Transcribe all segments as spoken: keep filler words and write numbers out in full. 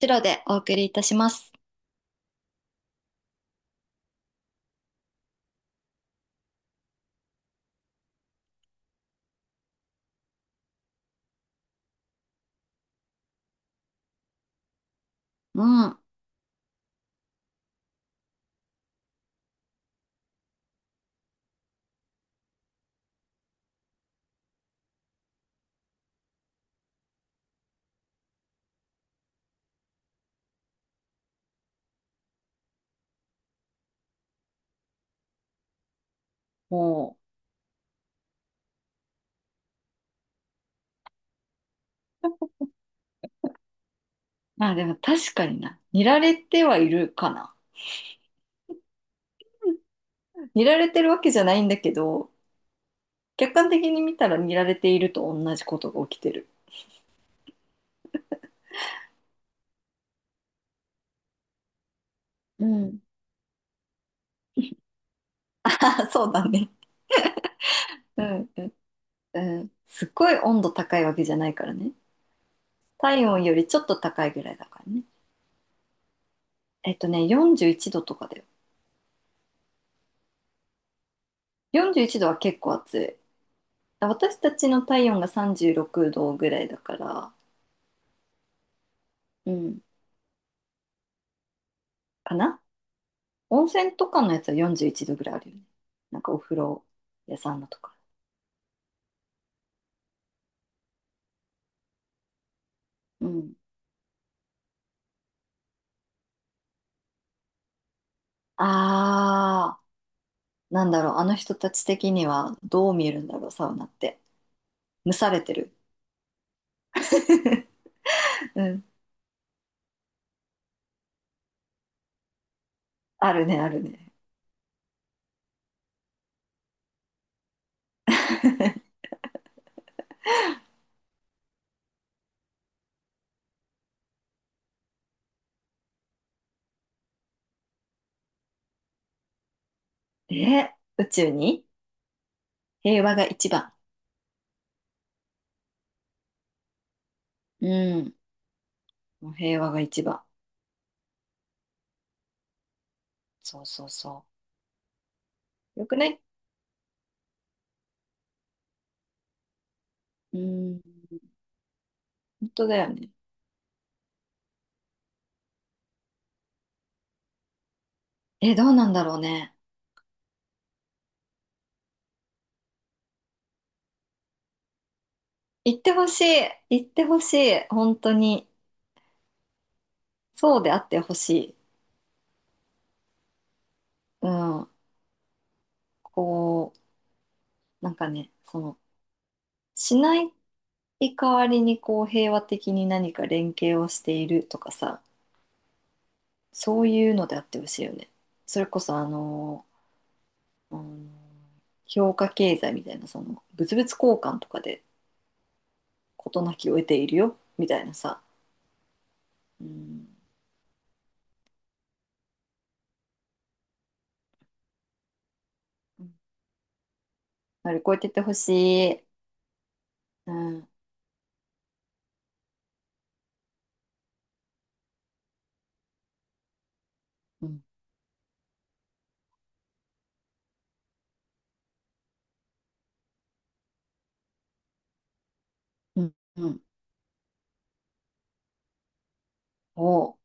白でお送りいたします。うん。もう、まあでも確かにな。見られてはいるかな。見られてるわけじゃないんだけど、客観的に見たら見られていると同じことが起きてる。うん。あ、そうだね。うん、うん、うん。すっごい温度高いわけじゃないからね。体温よりちょっと高いぐらいだからね。えっとね、よんじゅういちどとかだよ。よんじゅういちどは結構暑い。私たちの体温がさんじゅうろくどぐらいだから、うん、かな。温泉とかのやつはよんじゅういちどぐらいあるよね。なんかお風呂屋さんのとか。うん。あー、なんだろう、あの人たち的にはどう見えるんだろう、サウナって。蒸されてる。うん。あるね、あるね。え、宇宙に。平和が一番。うん。もう平和が一番。そうそうそう。よくね。うん。本当だよね。え、どうなんだろうね。行ってほしい。行ってほしい。本当に。そうであってほしい。うん。こう。なんかね、その、しない代わりにこう平和的に何か連携をしているとかさ、そういうのであってほしいよね。それこそあの、うん評価経済みたいな、その、物々交換とかで事なきを得ているよ、みたいなさ、うん、乗り越えてってほしい。うん、うん、うん、うん。おう。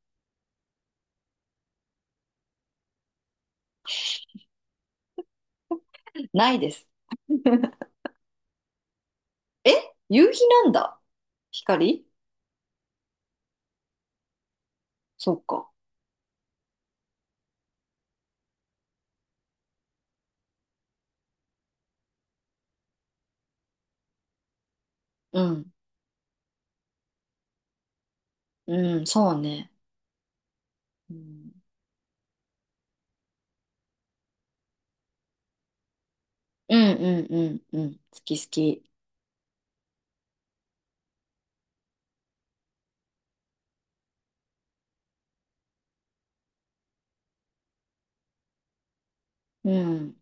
ないです。え、夕日なんだ。光。そっか。うん、うん、そうね。うんうんうんうんうん。好き好き。うん。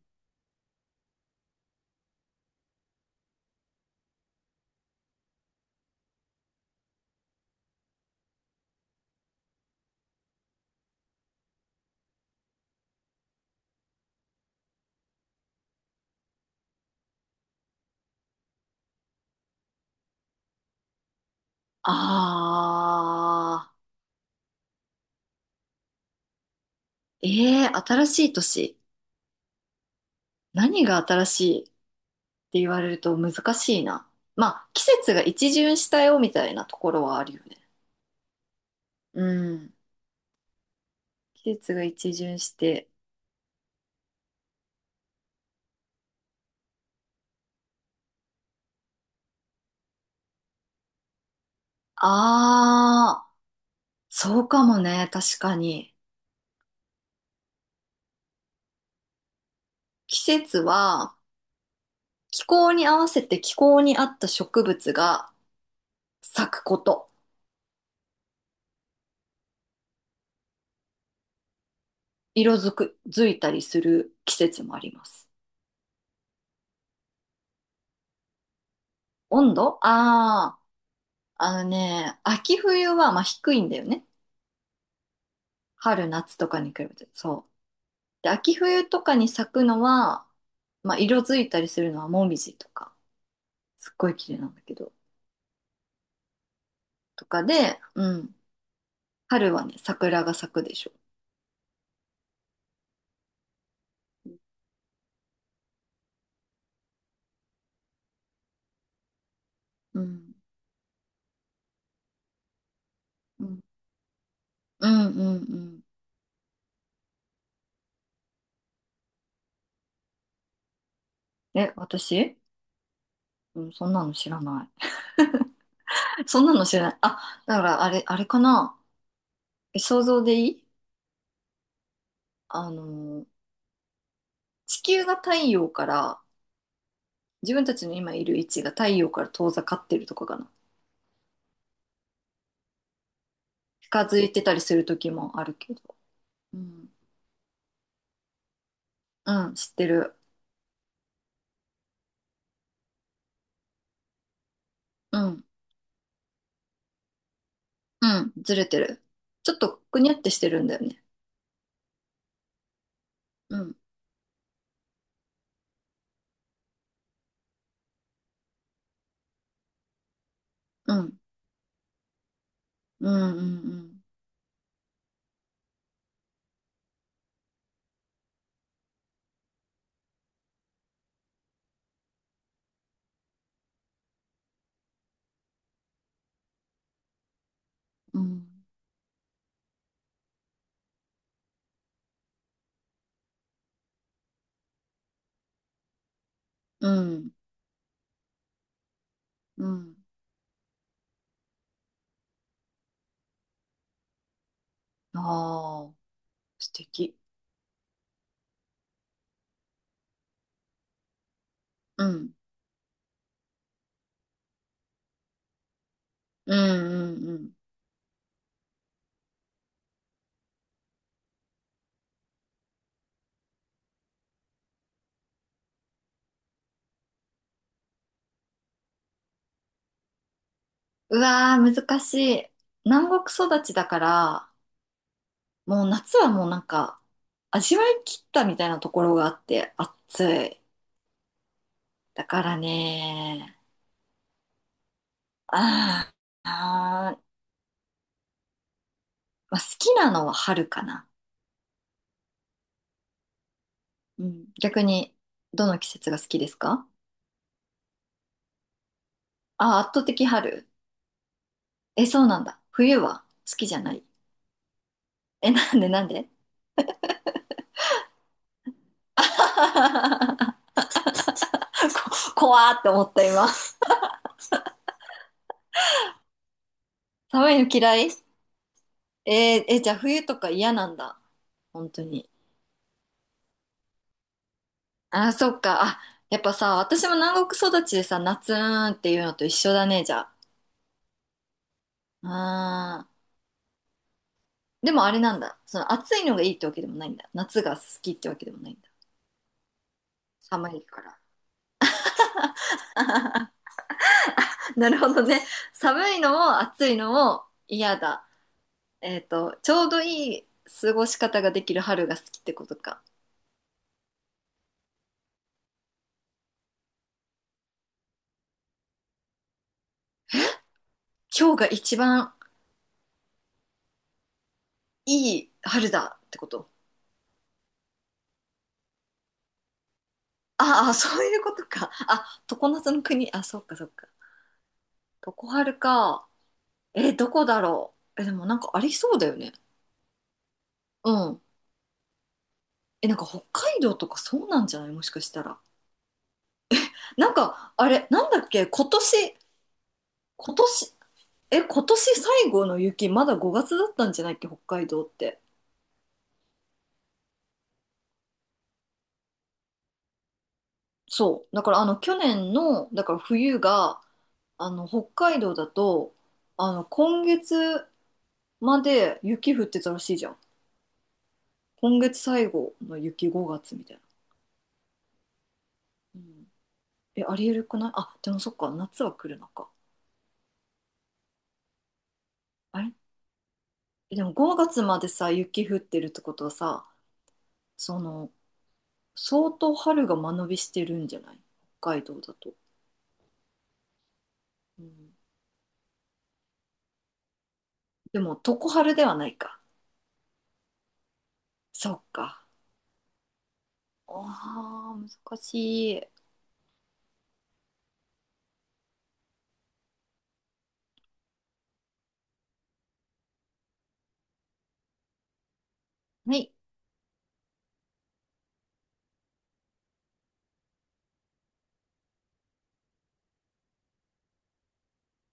あー。ええ、新しい年。何が新しいって言われると難しいな。まあ、季節が一巡したよみたいなところはあるよね。うん。季節が一巡して。あー。そうかもね。確かに。季節は気候に合わせて気候に合った植物が咲くこと。色づく、づいたりする季節もあります。温度。あ、あー、あのね、秋冬はまあ低いんだよね。春、夏とかに比べて。そう。で、秋冬とかに咲くのは、まあ色づいたりするのはモミジとか、すっごい綺麗なんだけど、とかで、うん。春はね、桜が咲くでしょ。うん。うん。うんうんうん。え、私。うん、そんなの知らない。そんなの知らない。あ、だからあれ、あれかな。え、想像でいい？あのー、地球が太陽から自分たちの今いる位置が太陽から遠ざかってるとかかな。近づいてたりする時もあるけど。うん、うん、知ってる。うん、うん、ずれてる。ちょっとくにゃってしてるんだよね。うん、うん、うん、うん、うん、うん、うん、うん。ああ、素敵。うん、うん、うん、うん。うわー、難しい。南国育ちだから、もう夏はもうなんか、味わい切ったみたいなところがあって、暑い。だからね、あー、あー、まあ、好きなのは春かな。うん。逆に、どの季節が好きですか？あー、圧倒的春。え、そうなんだ。冬は好きじゃない？え、なんでなんで？ こ、怖ーって思った今。寒いの嫌い。えー、え、じゃあ冬とか嫌なんだ。本当に。あー、そっか。あ、やっぱさ、私も南国育ちでさ、夏ーんっていうのと一緒だね、じゃあ。あー、でもあれなんだ。その暑いのがいいってわけでもないんだ。夏が好きってわけでもないんだ。寒いから。なるほどね。寒いのも暑いのも嫌だ。えっと、ちょうどいい過ごし方ができる春が好きってことか。今日が一番いい春だってこと？ああ、そういうことか。あ、常夏の国。あ、そっかそっか。常春か。えー、どこだろう。え、でもなんかありそうだよね。うん。え、なんか北海道とかそうなんじゃない？もしかしたら。なんか、あれ、なんだっけ今年、今年、え、今年最後の雪、まだごがつだったんじゃないっけ、北海道って。そう。だから、あの、去年の、だから冬が、あの、北海道だと、あの、今月まで雪降ってたらしいじゃん。今月最後の雪、ごがつみたいな。うん、え、ありえるくない？あ、でもそっか、夏は来るのか。あれ、えでもごがつまでさ、雪降ってるってことはさ、その、相当春が間延びしてるんじゃない？北海道だと。うん、でも、常春ではないか。そっか。ああ、難しい。はい。